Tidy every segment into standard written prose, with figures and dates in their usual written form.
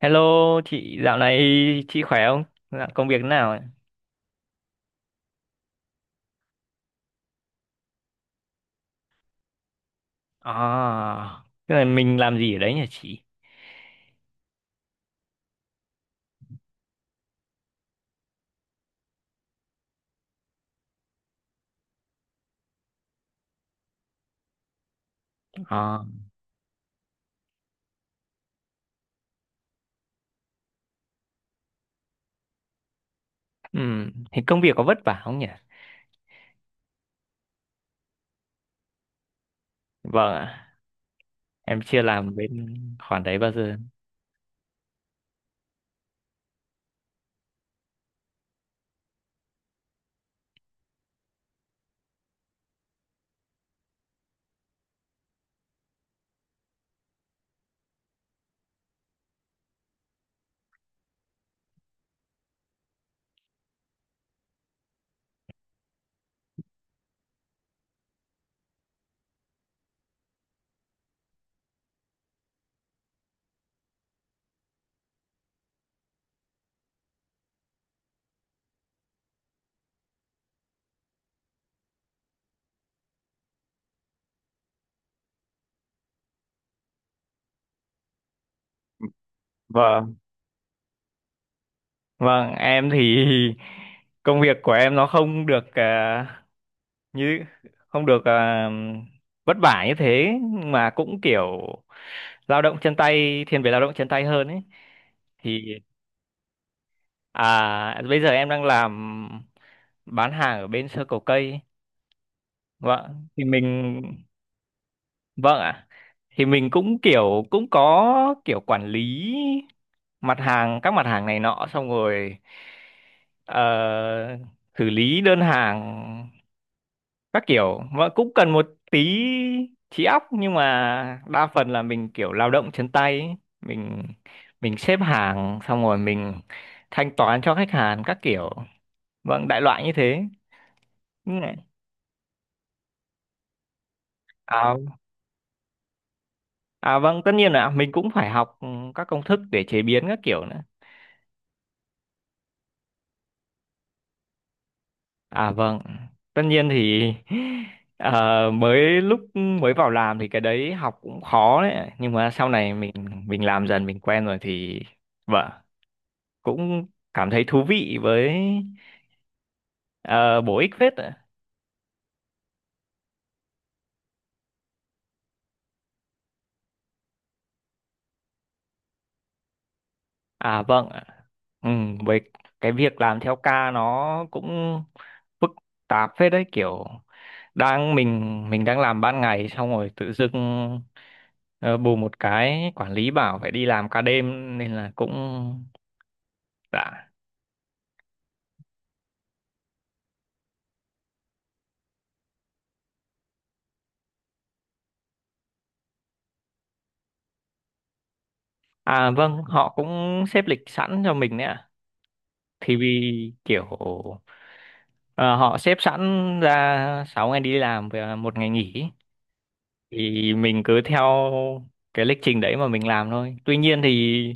Hello chị, dạo này chị khỏe không? Dạo công việc thế nào? Ạ? À, tức là mình làm gì ở đấy nhỉ chị? À. Thì công việc có vất vả không nhỉ? Vâng ạ, em chưa làm bên khoản đấy bao giờ. Vâng, vâng, em thì công việc của em nó không được, như không được, vất vả như thế, mà cũng kiểu lao động chân tay, thiên về lao động chân tay hơn ấy. Thì Bây giờ em đang làm bán hàng ở bên sơ cầu cây. Vâng, thì mình, vâng ạ. Thì mình cũng kiểu, cũng có kiểu quản lý mặt hàng, các mặt hàng này nọ, xong rồi ờ, xử lý đơn hàng các kiểu, và cũng cần một tí trí óc, nhưng mà đa phần là mình kiểu lao động chân tay ấy. mình mình xếp hàng xong rồi mình thanh toán cho khách hàng các kiểu, vâng, đại loại như thế. Ừ. à, vâng, tất nhiên là mình cũng phải học các công thức để chế biến các kiểu nữa. Vâng, tất nhiên thì mới lúc mới vào làm thì cái đấy học cũng khó đấy, nhưng mà sau này mình làm dần mình quen rồi thì vâng, cũng cảm thấy thú vị với ờ, bổ ích phết ạ. Vâng ạ. ừ, với cái việc làm theo ca nó cũng phức tạp phết đấy, kiểu đang mình đang làm ban ngày, xong rồi tự dưng ờ, bù một cái quản lý bảo phải đi làm ca đêm, nên là cũng đã. Vâng, họ cũng xếp lịch sẵn cho mình đấy ạ, thì vì kiểu ờ, họ xếp sẵn ra 6 ngày đi làm và 1 ngày nghỉ, thì mình cứ theo cái lịch trình đấy mà mình làm thôi. Tuy nhiên thì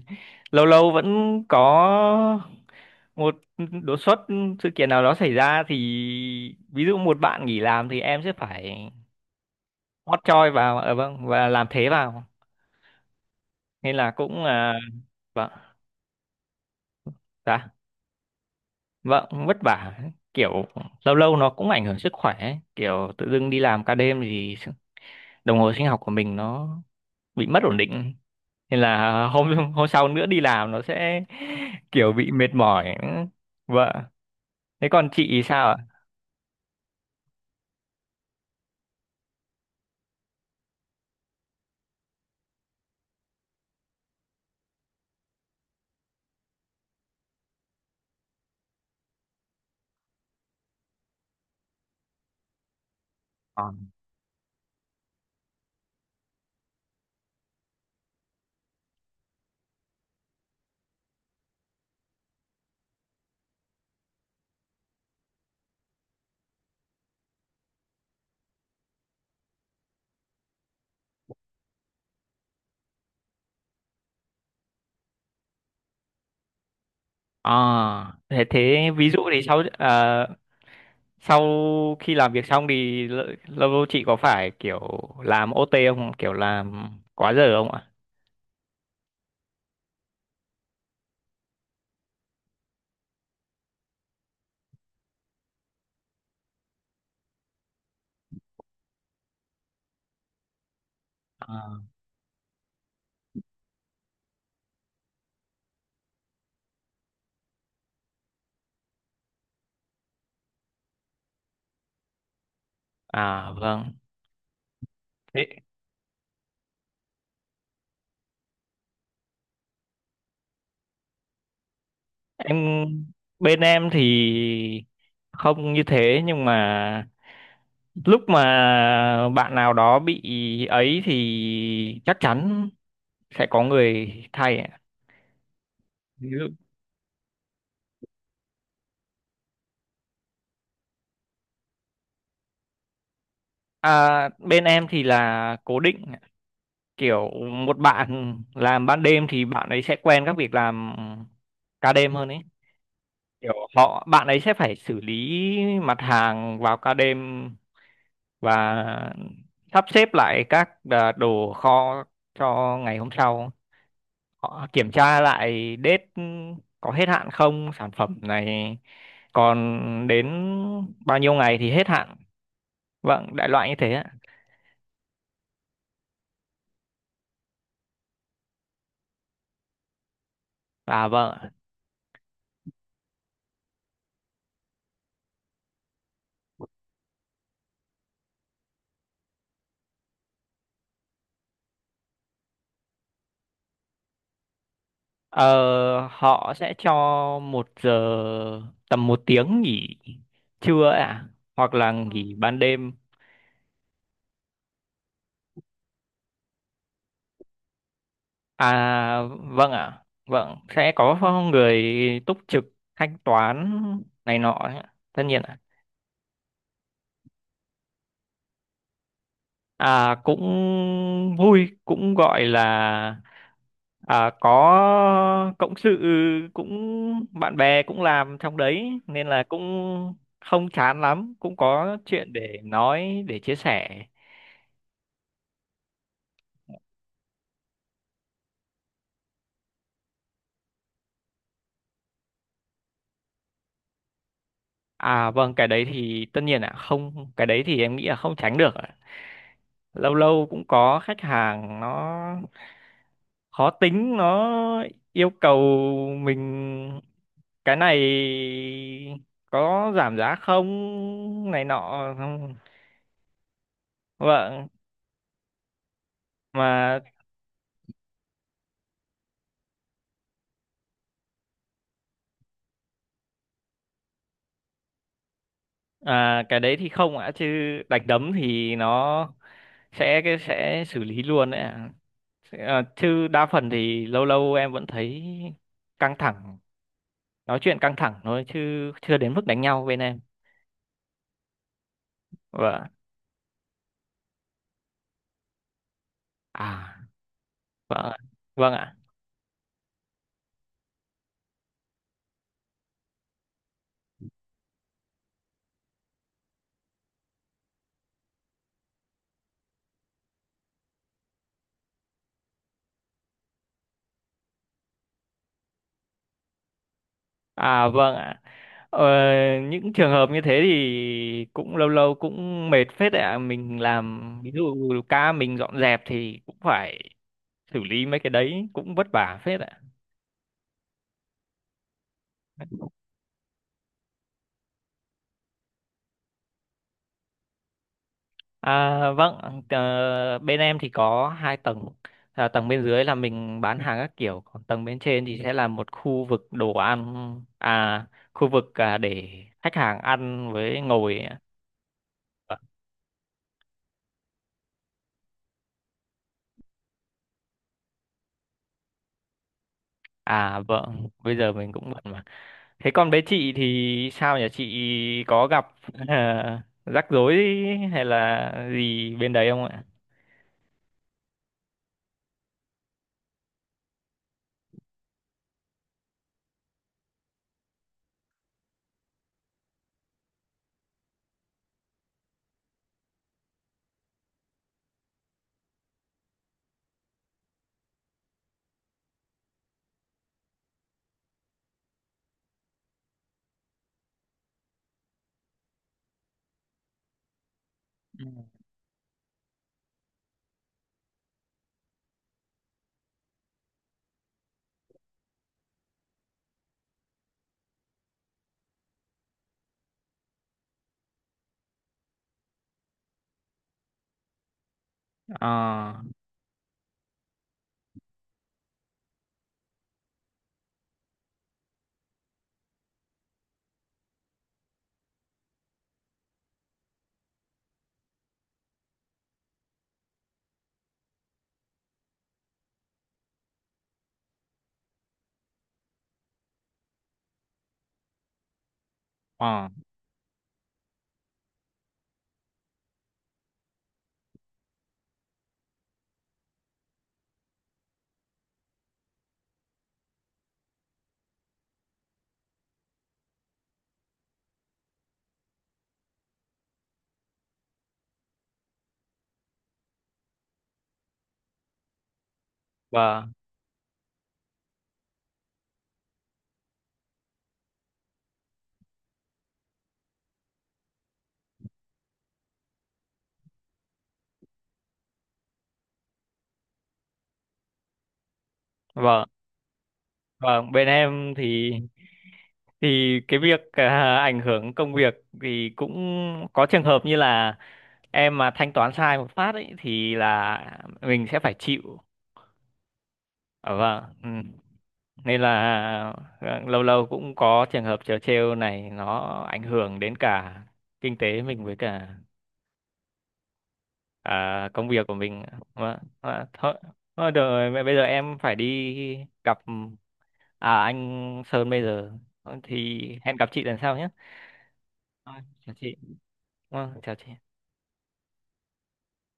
lâu lâu vẫn có một đột xuất, sự kiện nào đó xảy ra, thì ví dụ một bạn nghỉ làm thì em sẽ phải hot choi vào, vâng, và làm thế vào, nên là cũng vâng. Dạ vâng, vất vả kiểu lâu lâu nó cũng ảnh hưởng sức khỏe ấy. Kiểu tự dưng đi làm ca đêm thì đồng hồ sinh học của mình nó bị mất ổn định, nên là hôm hôm sau nữa đi làm nó sẽ kiểu bị mệt mỏi, vâng. Thế còn chị thì sao ạ? À, thế ví dụ thì sau, sau khi làm việc xong thì lâu lâu chị có phải kiểu làm OT không? Kiểu làm quá giờ không ạ? À, vâng. Thế em bên em thì không như thế, nhưng mà lúc mà bạn nào đó bị ấy thì chắc chắn sẽ có người thay ạ. Ví dụ- À, bên em thì là cố định, kiểu một bạn làm ban đêm thì bạn ấy sẽ quen các việc làm ca đêm hơn ấy, kiểu bạn ấy sẽ phải xử lý mặt hàng vào ca đêm và sắp xếp lại các, đồ kho cho ngày hôm sau, họ kiểm tra lại date có hết hạn không, sản phẩm này còn đến bao nhiêu ngày thì hết hạn, vâng đại loại như thế ạ. Vâng. Ờ, họ sẽ cho một giờ tầm 1 tiếng nghỉ trưa ạ à? Hoặc là nghỉ ban đêm. Vâng ạ, vâng, sẽ có người túc trực thanh toán này nọ ấy ạ, tất nhiên ạ. Cũng vui, cũng gọi là có cộng sự, cũng bạn bè cũng làm trong đấy, nên là cũng không chán lắm, cũng có chuyện để nói, để chia sẻ. À vâng, cái đấy thì tất nhiên ạ, không, cái đấy thì em nghĩ là không tránh được ạ. Lâu lâu cũng có khách hàng nó khó tính, nó yêu cầu mình cái này có giảm giá không, này nọ, không. Vâng, mà cái đấy thì không ạ, chứ đánh đấm thì nó sẽ, cái sẽ xử lý luôn đấy ạ. Chứ đa phần thì lâu lâu em vẫn thấy căng thẳng, nói chuyện căng thẳng thôi, chứ chưa đến mức đánh nhau bên em, vâng. à vâng ạ, vâng ạ. À Vâng ạ. ờ, những trường hợp như thế thì cũng lâu lâu cũng mệt phết đấy ạ, mình làm ví dụ ca mình dọn dẹp thì cũng phải xử lý mấy cái đấy, cũng vất vả phết ạ. À vâng, bên em thì có hai tầng. À, tầng bên dưới là mình bán hàng các kiểu, còn tầng bên trên thì sẽ là một khu vực đồ ăn, à, khu vực, để khách hàng ăn với ngồi. Vâng. Vâng, bây giờ mình cũng bận mà. Thế còn bé chị thì sao nhỉ? Chị có gặp rắc rối hay là gì bên đấy không ạ? Ừ. ờ ờ Vâng, vâng. Vâng, bên em thì, cái việc, ảnh hưởng công việc thì cũng có trường hợp như là em mà thanh toán sai một phát ấy thì là mình sẽ phải chịu. Ờ, vâng. Ừ. Nên là lâu lâu cũng có trường hợp trớ trêu này, nó ảnh hưởng đến cả kinh tế mình, với cả công việc của mình mà. Thôi, được rồi mẹ, bây giờ em phải đi gặp anh Sơn, bây giờ thì hẹn gặp chị lần sau nhé. Thôi, chào chị. Vâng, chào chị.